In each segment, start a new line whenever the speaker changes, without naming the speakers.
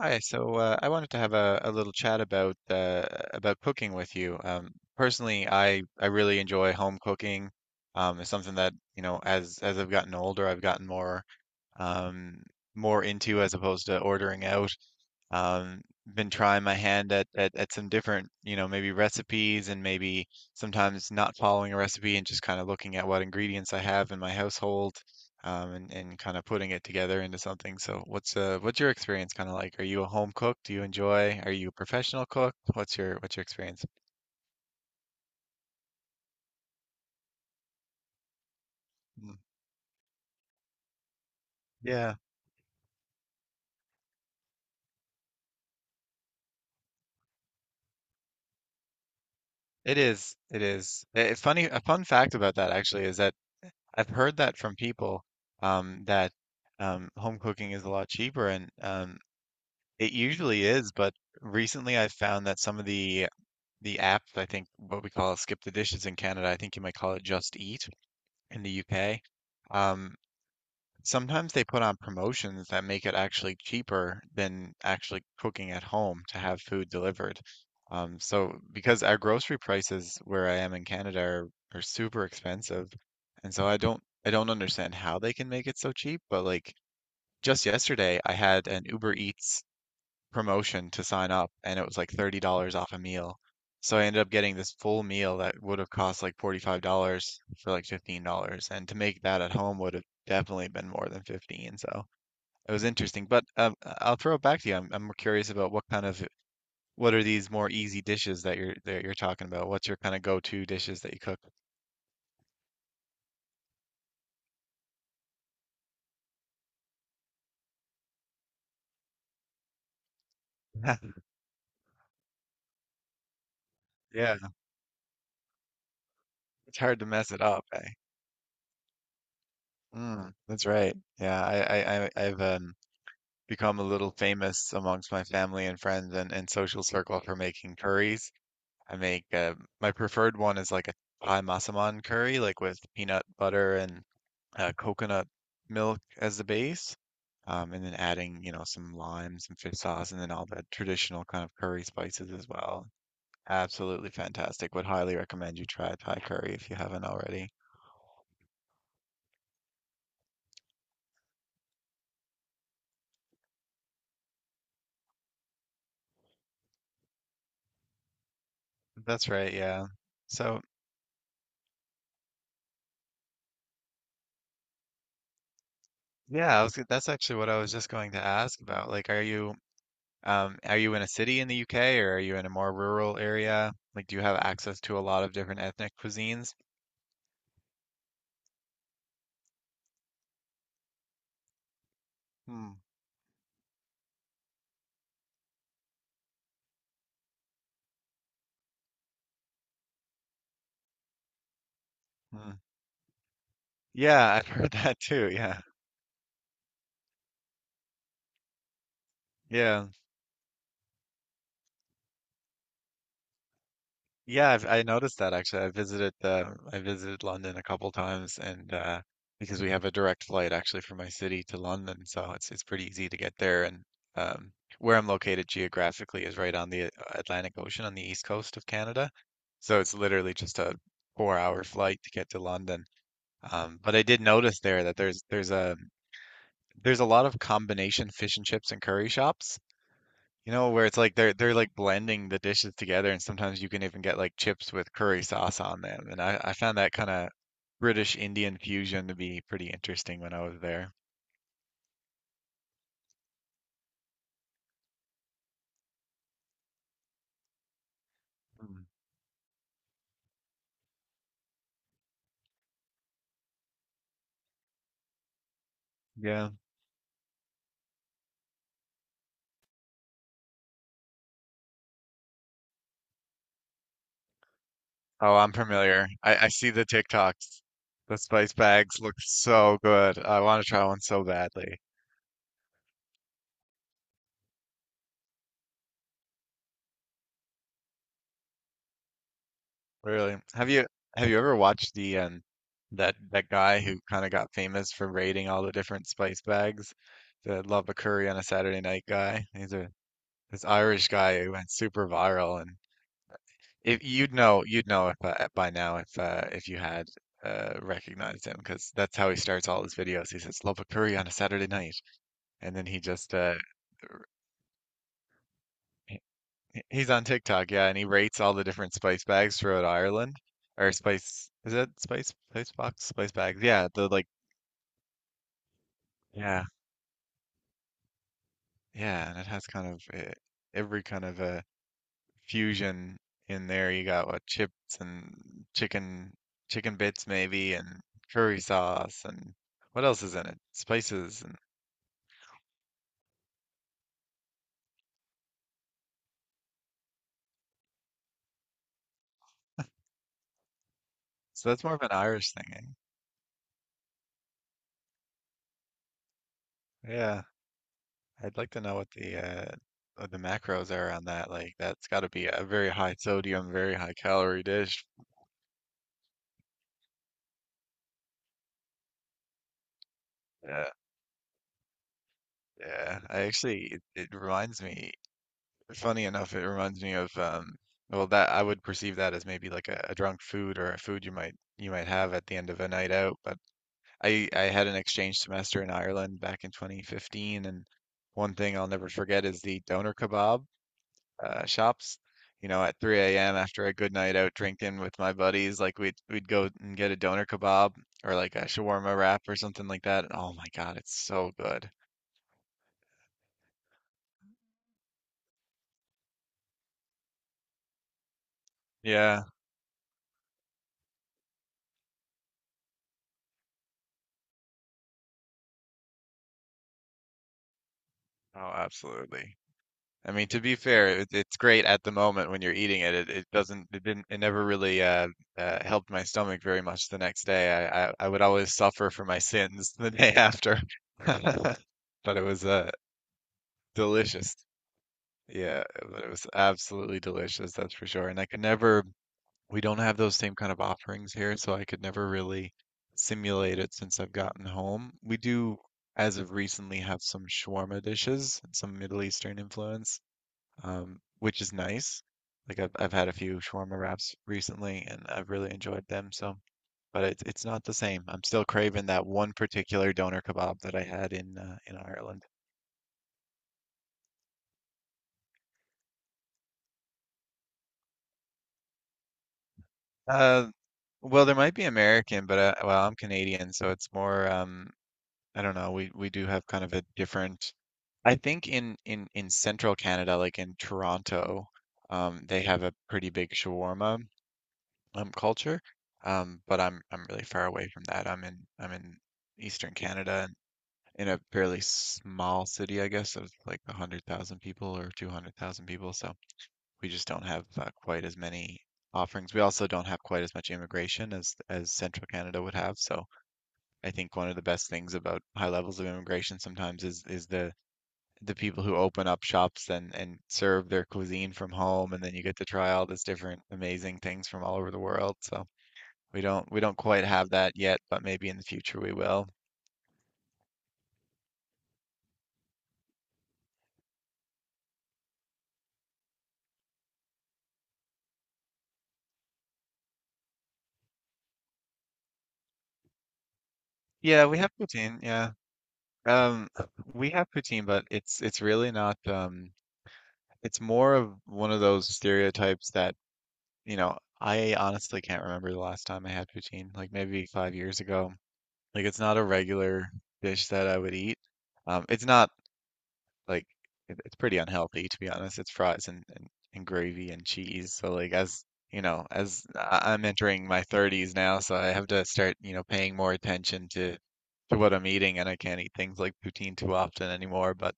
Hi, I wanted to have a little chat about about cooking with you. Personally, I really enjoy home cooking. It's something that, you know, as I've gotten older, I've gotten more um, more into as opposed to ordering out. Um, been trying my hand at some different, you know, maybe recipes and maybe sometimes not following a recipe and just kind of looking at what ingredients I have in my household, and kind of putting it together into something. So what's your experience kind of like? Are you a home cook? Do you enjoy? Are you a professional cook? What's your experience? Mm, yeah, it is. It is. A fun fact about that actually is that I've heard that from people that home cooking is a lot cheaper, and it usually is. But recently, I've found that some of the apps, I think what we call Skip the Dishes in Canada, I think you might call it Just Eat in the UK. Um, Sometimes they put on promotions that make it actually cheaper than actually cooking at home to have food delivered. So because our grocery prices where I am in Canada are super expensive, and so I don't understand how they can make it so cheap, but like just yesterday I had an Uber Eats promotion to sign up and it was like $30 off a meal. So I ended up getting this full meal that would have cost like $45 for like $15. And to make that at home would have definitely been more than 15. So it was interesting. But I'll throw it back to you. I'm curious about what kind of what are these more easy dishes that you're talking about? What's your kind of go-to dishes that you cook? Yeah, it's hard to mess it up, eh? Mm, that's right. I've become a little famous amongst my family and friends and social circle for making curries. I make My preferred one is like a Thai masaman curry, like with peanut butter and coconut milk as the base, and then adding, you know, some lime, some fish sauce, and then all the traditional kind of curry spices as well. Absolutely fantastic. Would highly recommend you try Thai curry if you haven't already. That's right, yeah. So, yeah, that's actually what I was just going to ask about. Like, um, are you in a city in the UK or are you in a more rural area? Like, do you have access to a lot of different ethnic cuisines? Hmm. Hmm. Yeah, I've heard that too. Yeah. Yeah. Yeah, I noticed that actually. I visited London a couple times and because we have a direct flight actually from my city to London, so it's pretty easy to get there and um where I'm located geographically is right on the Atlantic Ocean on the east coast of Canada. So it's literally just a 4 hour flight to get to London. But I did notice there that there's a lot of combination fish and chips and curry shops, you know, where it's like they're like blending the dishes together, and sometimes you can even get like chips with curry sauce on them. And I found that kind of British Indian fusion to be pretty interesting when I was there. Mm, yeah. Oh, I'm familiar. I see the TikToks. The spice bags look so good. I want to try one so badly. Really? Have you ever watched the that guy who kind of got famous for raiding all the different spice bags? The Love a Curry on a Saturday Night guy. He's a This Irish guy who went super viral, and if you'd know you'd know if by now if you had recognized him because that's how he starts all his videos. He says Love a Curry on a Saturday night, and then he's on TikTok, yeah, and he rates all the different spice bags throughout Ireland. Or spice, is it spice box, spice bags? Yeah, the like, yeah, yeah, and it has every kind of a fusion in there. You got what chips and chicken, chicken bits maybe, and curry sauce, and what else is in it? Spices, and so that's more of an Irish thing. Eh? Yeah, I'd like to know uh, what the macros are on that. Like, that's got to be a very high sodium, very high calorie dish. Yeah, yeah. It reminds me, funny enough, it reminds me of well, that I would perceive that as maybe like a drunk food or a food you might have at the end of a night out. But I had an exchange semester in Ireland back in 2015, and one thing I'll never forget is the doner kebab shops. You know, at 3 a.m. after a good night out drinking with my buddies, like we'd go and get a doner kebab or like a shawarma wrap or something like that. And oh my God, it's so good. Yeah, oh, absolutely. I mean, to be fair, it's great at the moment when you're eating it. It doesn't, it didn't, it never really helped my stomach very much the next day. I would always suffer for my sins the day after. But it was delicious. Yeah, but it was absolutely delicious, that's for sure. And I could never, we don't have those same kind of offerings here, so I could never really simulate it since I've gotten home. We do, as of recently, have some shawarma dishes, some Middle Eastern influence which is nice. Like I've had a few shawarma wraps recently, and I've really enjoyed them. So, but it's not the same. I'm still craving that one particular doner kebab that I had in Ireland. Uh, well, there might be American, but well, I'm Canadian, so it's more. I don't know. We do have kind of a different. I think in central Canada, like in Toronto, they have a pretty big shawarma. Um, culture, but I'm really far away from that. I'm in Eastern Canada and in a fairly small city, I guess, of like 100,000 people or 200,000 people. So we just don't have quite as many offerings. We also don't have quite as much immigration as Central Canada would have. So I think one of the best things about high levels of immigration sometimes is the people who open up shops and serve their cuisine from home, and then you get to try all this different amazing things from all over the world. So we don't quite have that yet, but maybe in the future we will. Yeah, we have poutine. Yeah. Um, we have poutine, but it's really not it's more of one of those stereotypes that, you know, I honestly can't remember the last time I had poutine, like maybe 5 years ago. Like it's not a regular dish that I would eat. It's not like it's pretty unhealthy to be honest. It's fries and gravy and cheese. So like as you know, as I'm entering my 30s now, so I have to start, you know, paying more attention to what I'm eating, and I can't eat things like poutine too often anymore. But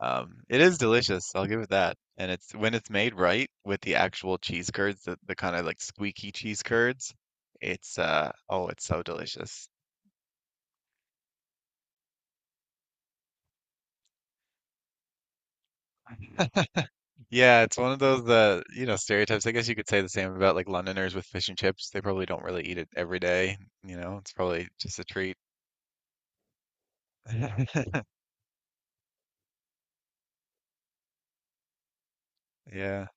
it is delicious. I'll give it that. And it's when it's made right with the actual cheese curds, the kind of like squeaky cheese curds. It's uh Oh, it's so delicious. Yeah, it's one of those the you know stereotypes. I guess you could say the same about like Londoners with fish and chips. They probably don't really eat it every day. You know, it's probably just a treat. Yeah,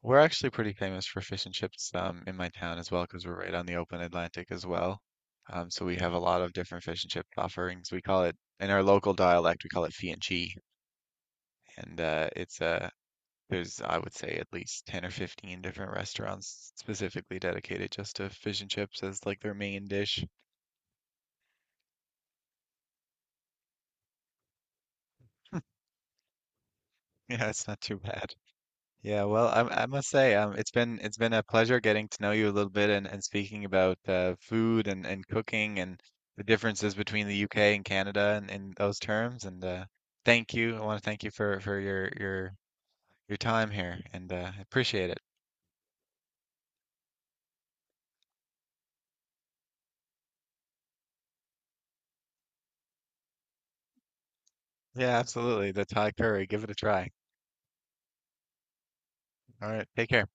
we're actually pretty famous for fish and chips in my town as well because we're right on the open Atlantic as well. So we have a lot of different fish and chip offerings. We call it in our local dialect, we call it fi and chi, and it's there's I would say at least 10 or 15 different restaurants specifically dedicated just to fish and chips as like their main dish. Yeah, it's not too bad. Yeah, well, I must say, it's been a pleasure getting to know you a little bit and speaking about food, and cooking and the differences between the UK and Canada and in those terms. And thank you. I want to thank you for, your time here and I appreciate it. Yeah, absolutely. The Thai curry, give it a try. All right, take care.